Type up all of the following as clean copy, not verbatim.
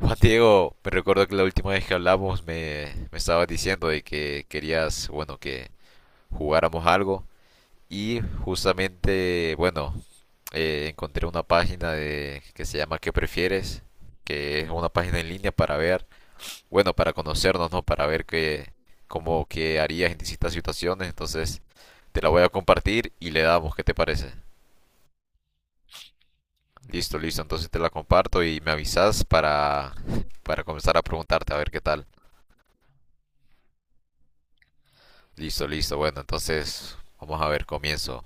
Juan Diego, me recuerdo que la última vez que hablamos me estabas diciendo de que querías, bueno, que jugáramos algo y justamente, bueno, encontré una página que se llama ¿Qué prefieres?, que es una página en línea para ver, bueno, para conocernos, ¿no? Para ver qué harías en distintas situaciones. Entonces, te la voy a compartir y le damos, ¿qué te parece? Listo, listo, entonces te la comparto y me avisas para comenzar a preguntarte a ver qué tal. Listo, listo. Bueno, entonces vamos a ver, comienzo.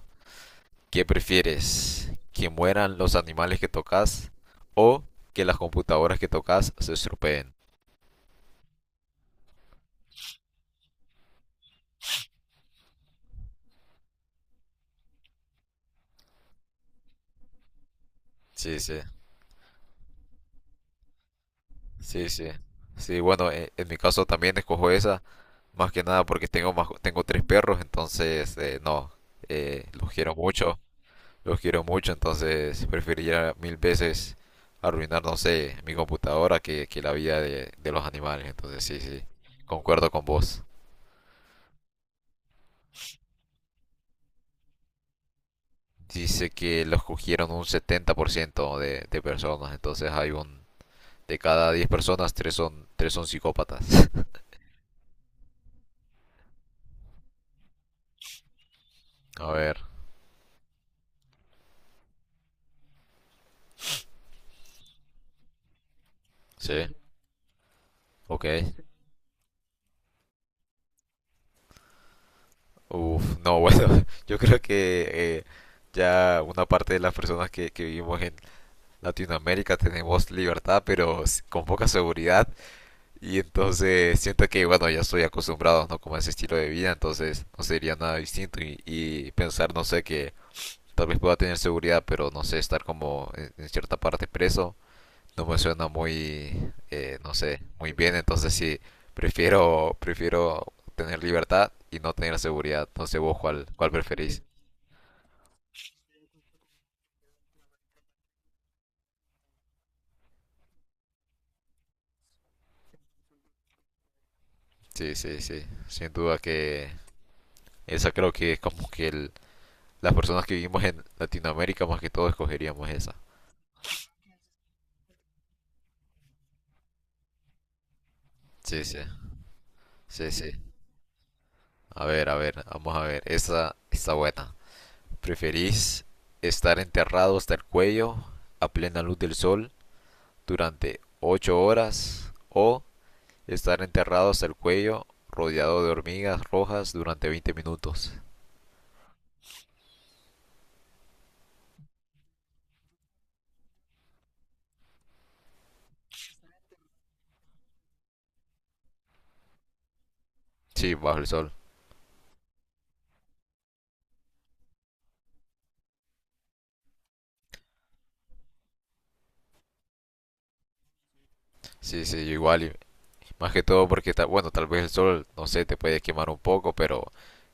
¿Qué prefieres? ¿Que mueran los animales que tocas o que las computadoras que tocas se estropeen? Sí, sí, sí, sí. Sí, bueno, en mi caso también escojo esa, más que nada porque tengo tres perros, entonces no, eh, los quiero mucho, los quiero mucho, entonces preferiría mil veces arruinar, no sé, mi computadora que la vida de los animales, entonces sí, sí, concuerdo con vos. Dice que los cogieron un 70% de personas, entonces hay un... De cada 10 personas, tres son psicópatas. A ver, sí, ok. Uf, no, bueno, yo creo que ya una parte de las personas que vivimos en Latinoamérica tenemos libertad, pero con poca seguridad. Y entonces siento que, bueno, ya estoy acostumbrado, ¿no? Como a ese estilo de vida, entonces no sería nada distinto. Y pensar, no sé, que tal vez pueda tener seguridad, pero no sé, estar como en cierta parte preso no me suena muy, no sé, muy bien. Entonces sí, prefiero tener libertad y no tener seguridad. No sé vos cuál preferís. Sí, sí, sí. Sin duda que esa creo que es como que las personas que vivimos en Latinoamérica más que todo escogeríamos esa. Sí, sí, sí, sí. A ver, vamos a ver. Esa está buena. ¿Preferís estar enterrado hasta el cuello a plena luz del sol durante 8 horas o estar enterrado hasta el cuello rodeado de hormigas rojas durante 20 minutos? Sí, bajo el sol. Sí, sí, igual. Y más que todo porque, bueno, tal vez el sol, no sé, te puede quemar un poco, pero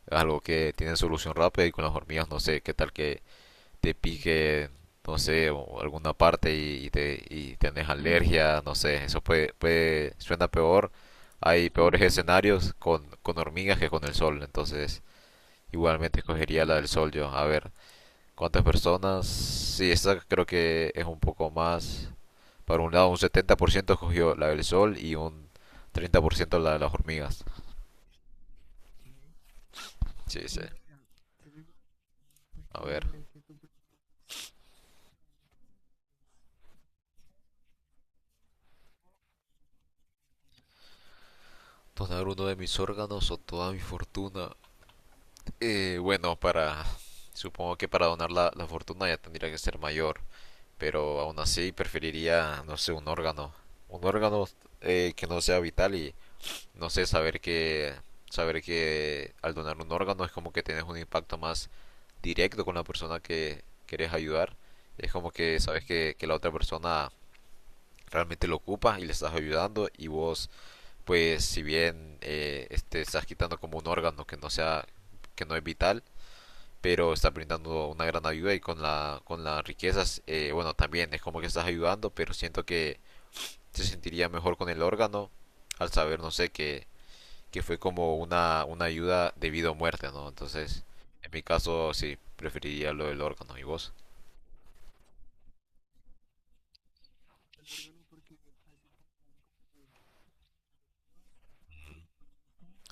es algo que tiene solución rápida y con las hormigas, no sé, qué tal que te pique, no sé, o alguna parte y te, y tenés alergia, no sé, eso suena peor. Hay peores escenarios con hormigas que con el sol, entonces... Igualmente escogería la del sol yo. A ver, ¿cuántas personas? Sí, esta creo que es un poco más. Para un lado, un 70% escogió la del sol y un 30% la de las hormigas. Sí, sí. A ver. Donar uno de mis órganos o toda mi fortuna. Bueno, para... Supongo que para donar la fortuna ya tendría que ser mayor. Pero aún así preferiría, no sé, un órgano. Un órgano que no sea vital y no sé, saber que al donar un órgano es como que tienes un impacto más directo con la persona que quieres ayudar. Es como que sabes que la otra persona realmente lo ocupa y le estás ayudando y vos, pues si bien estás quitando como un órgano que no sea, que no es vital, pero está brindando una gran ayuda y con las riquezas bueno también es como que estás ayudando, pero siento que se sentiría mejor con el órgano al saber, no sé, que fue como una ayuda de vida o muerte, ¿no? Entonces, en mi caso, sí, preferiría lo del órgano. ¿Y vos?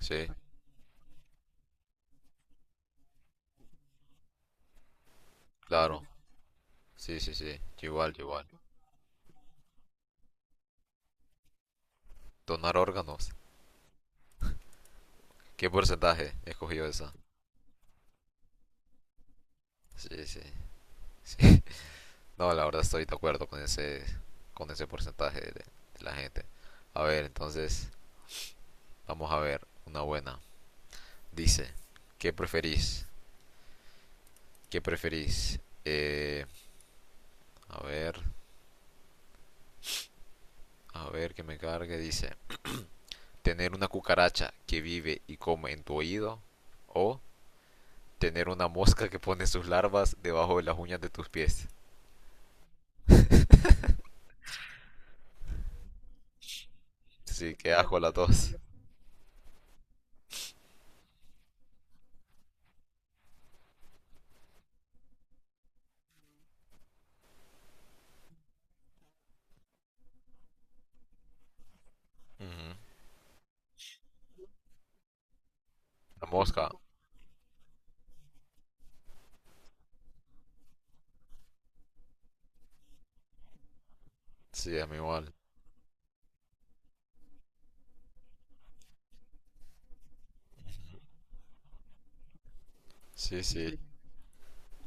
Sí, claro. Sí, sí, sí. Yo igual, yo igual. Donar órganos. ¿Qué porcentaje escogió esa? Sí, sí, sí. No, la verdad estoy de acuerdo con ese, porcentaje de la gente. A ver, entonces, vamos a ver una buena. Dice, ¿qué preferís? ¿Qué preferís? A ver, a ver que me cargue. Dice, tener una cucaracha que vive y come en tu oído o tener una mosca que pone sus larvas debajo de las uñas de tus pies. Sí, qué asco las dos. Ujú. La mosca, sí, a mí igual. Sí, sí.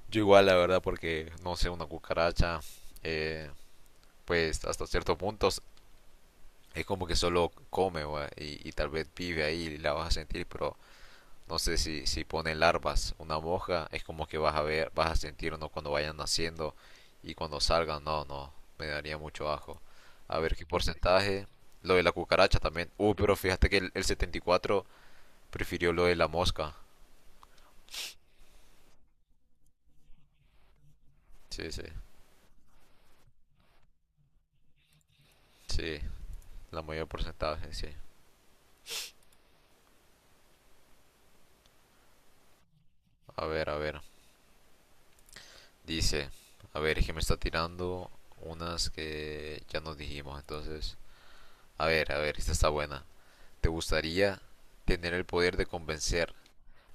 Yo igual, la verdad, porque no sé, una cucaracha, eh, pues hasta ciertos puntos es como que solo come, va, y tal vez vive ahí y la vas a sentir, pero no sé si ponen larvas, una moja, es como que vas a ver, vas a sentir no cuando vayan naciendo y cuando salgan, no, no, me daría mucho ajo. A ver qué porcentaje. Lo de la cucaracha también. Pero fíjate que el 74 prefirió lo de la mosca. Sí, sí, sí, la mayor porcentaje, sí. A ver, a ver. Dice, a ver, es que me está tirando unas que ya nos dijimos, entonces. A ver, esta está buena. ¿Te gustaría tener el poder de convencer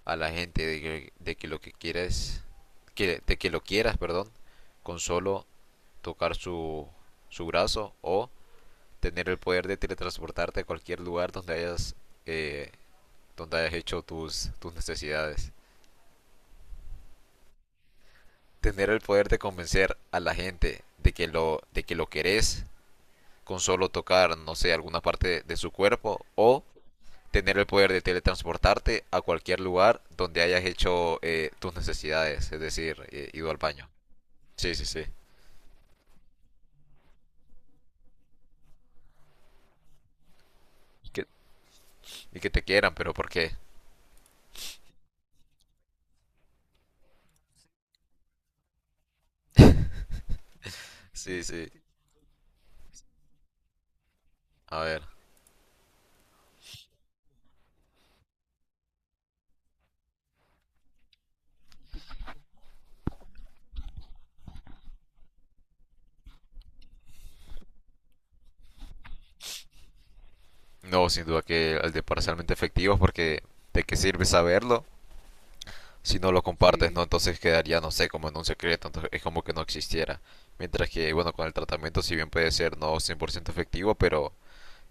a la gente de que lo que quieres, de que lo quieras, perdón, con solo tocar su, brazo o tener el poder de teletransportarte a cualquier lugar eh, donde hayas hecho tus, necesidades? Tener el poder de convencer a la gente de que lo querés con solo tocar, no sé, alguna parte de su cuerpo o tener el poder de teletransportarte a cualquier lugar donde hayas hecho, tus necesidades, es decir, ido al baño. Sí, sí, sí. Y que, y que te quieran, pero ¿por qué? Sí, sí. A ver. No, sin duda que el de parcialmente efectivo, porque ¿de qué sirve saberlo si no lo compartes? Sí, ¿no? Sí, entonces quedaría, no sé, como en un secreto, entonces es como que no existiera. Mientras que, bueno, con el tratamiento, si bien puede ser no 100% efectivo, pero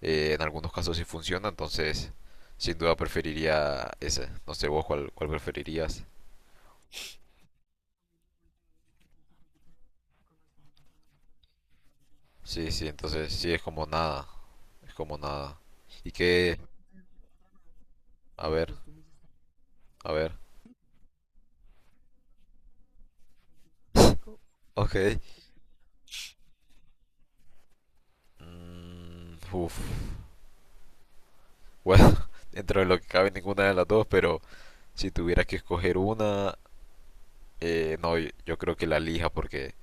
en algunos casos sí funciona, entonces sin duda preferiría ese. No sé vos cuál preferirías. Sí, sí, entonces sí es como nada. Es como nada. Y que, sí, a ver, a ver. Ok. Uf, bueno, dentro de lo que cabe ninguna de las dos, pero si tuviera que escoger una, no, yo creo que la lija porque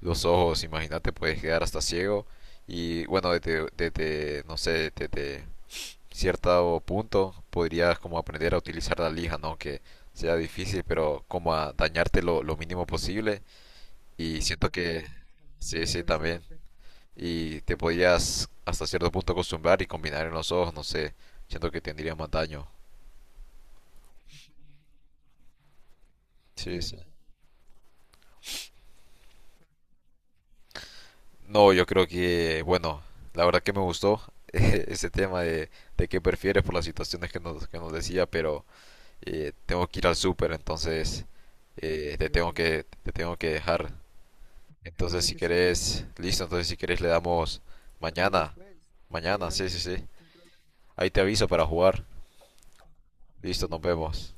los ojos, imagínate, puedes quedar hasta ciego y bueno, no sé, desde cierto punto podrías como aprender a utilizar la lija, ¿no? Que sea difícil, pero como a dañarte lo mínimo posible y siento que sí, sí, también. Y te podías hasta cierto punto acostumbrar y combinar en los ojos, no sé, siento que tendría más daño. Sí, sí. No, yo creo que, bueno, la verdad que me gustó ese tema de qué prefieres por las situaciones que nos decía, pero tengo que ir al súper, entonces te tengo que, dejar. Entonces, si querés, listo, entonces si querés le damos mañana, mañana, sí, sí, sí. Ahí te aviso para jugar. Listo, nos vemos.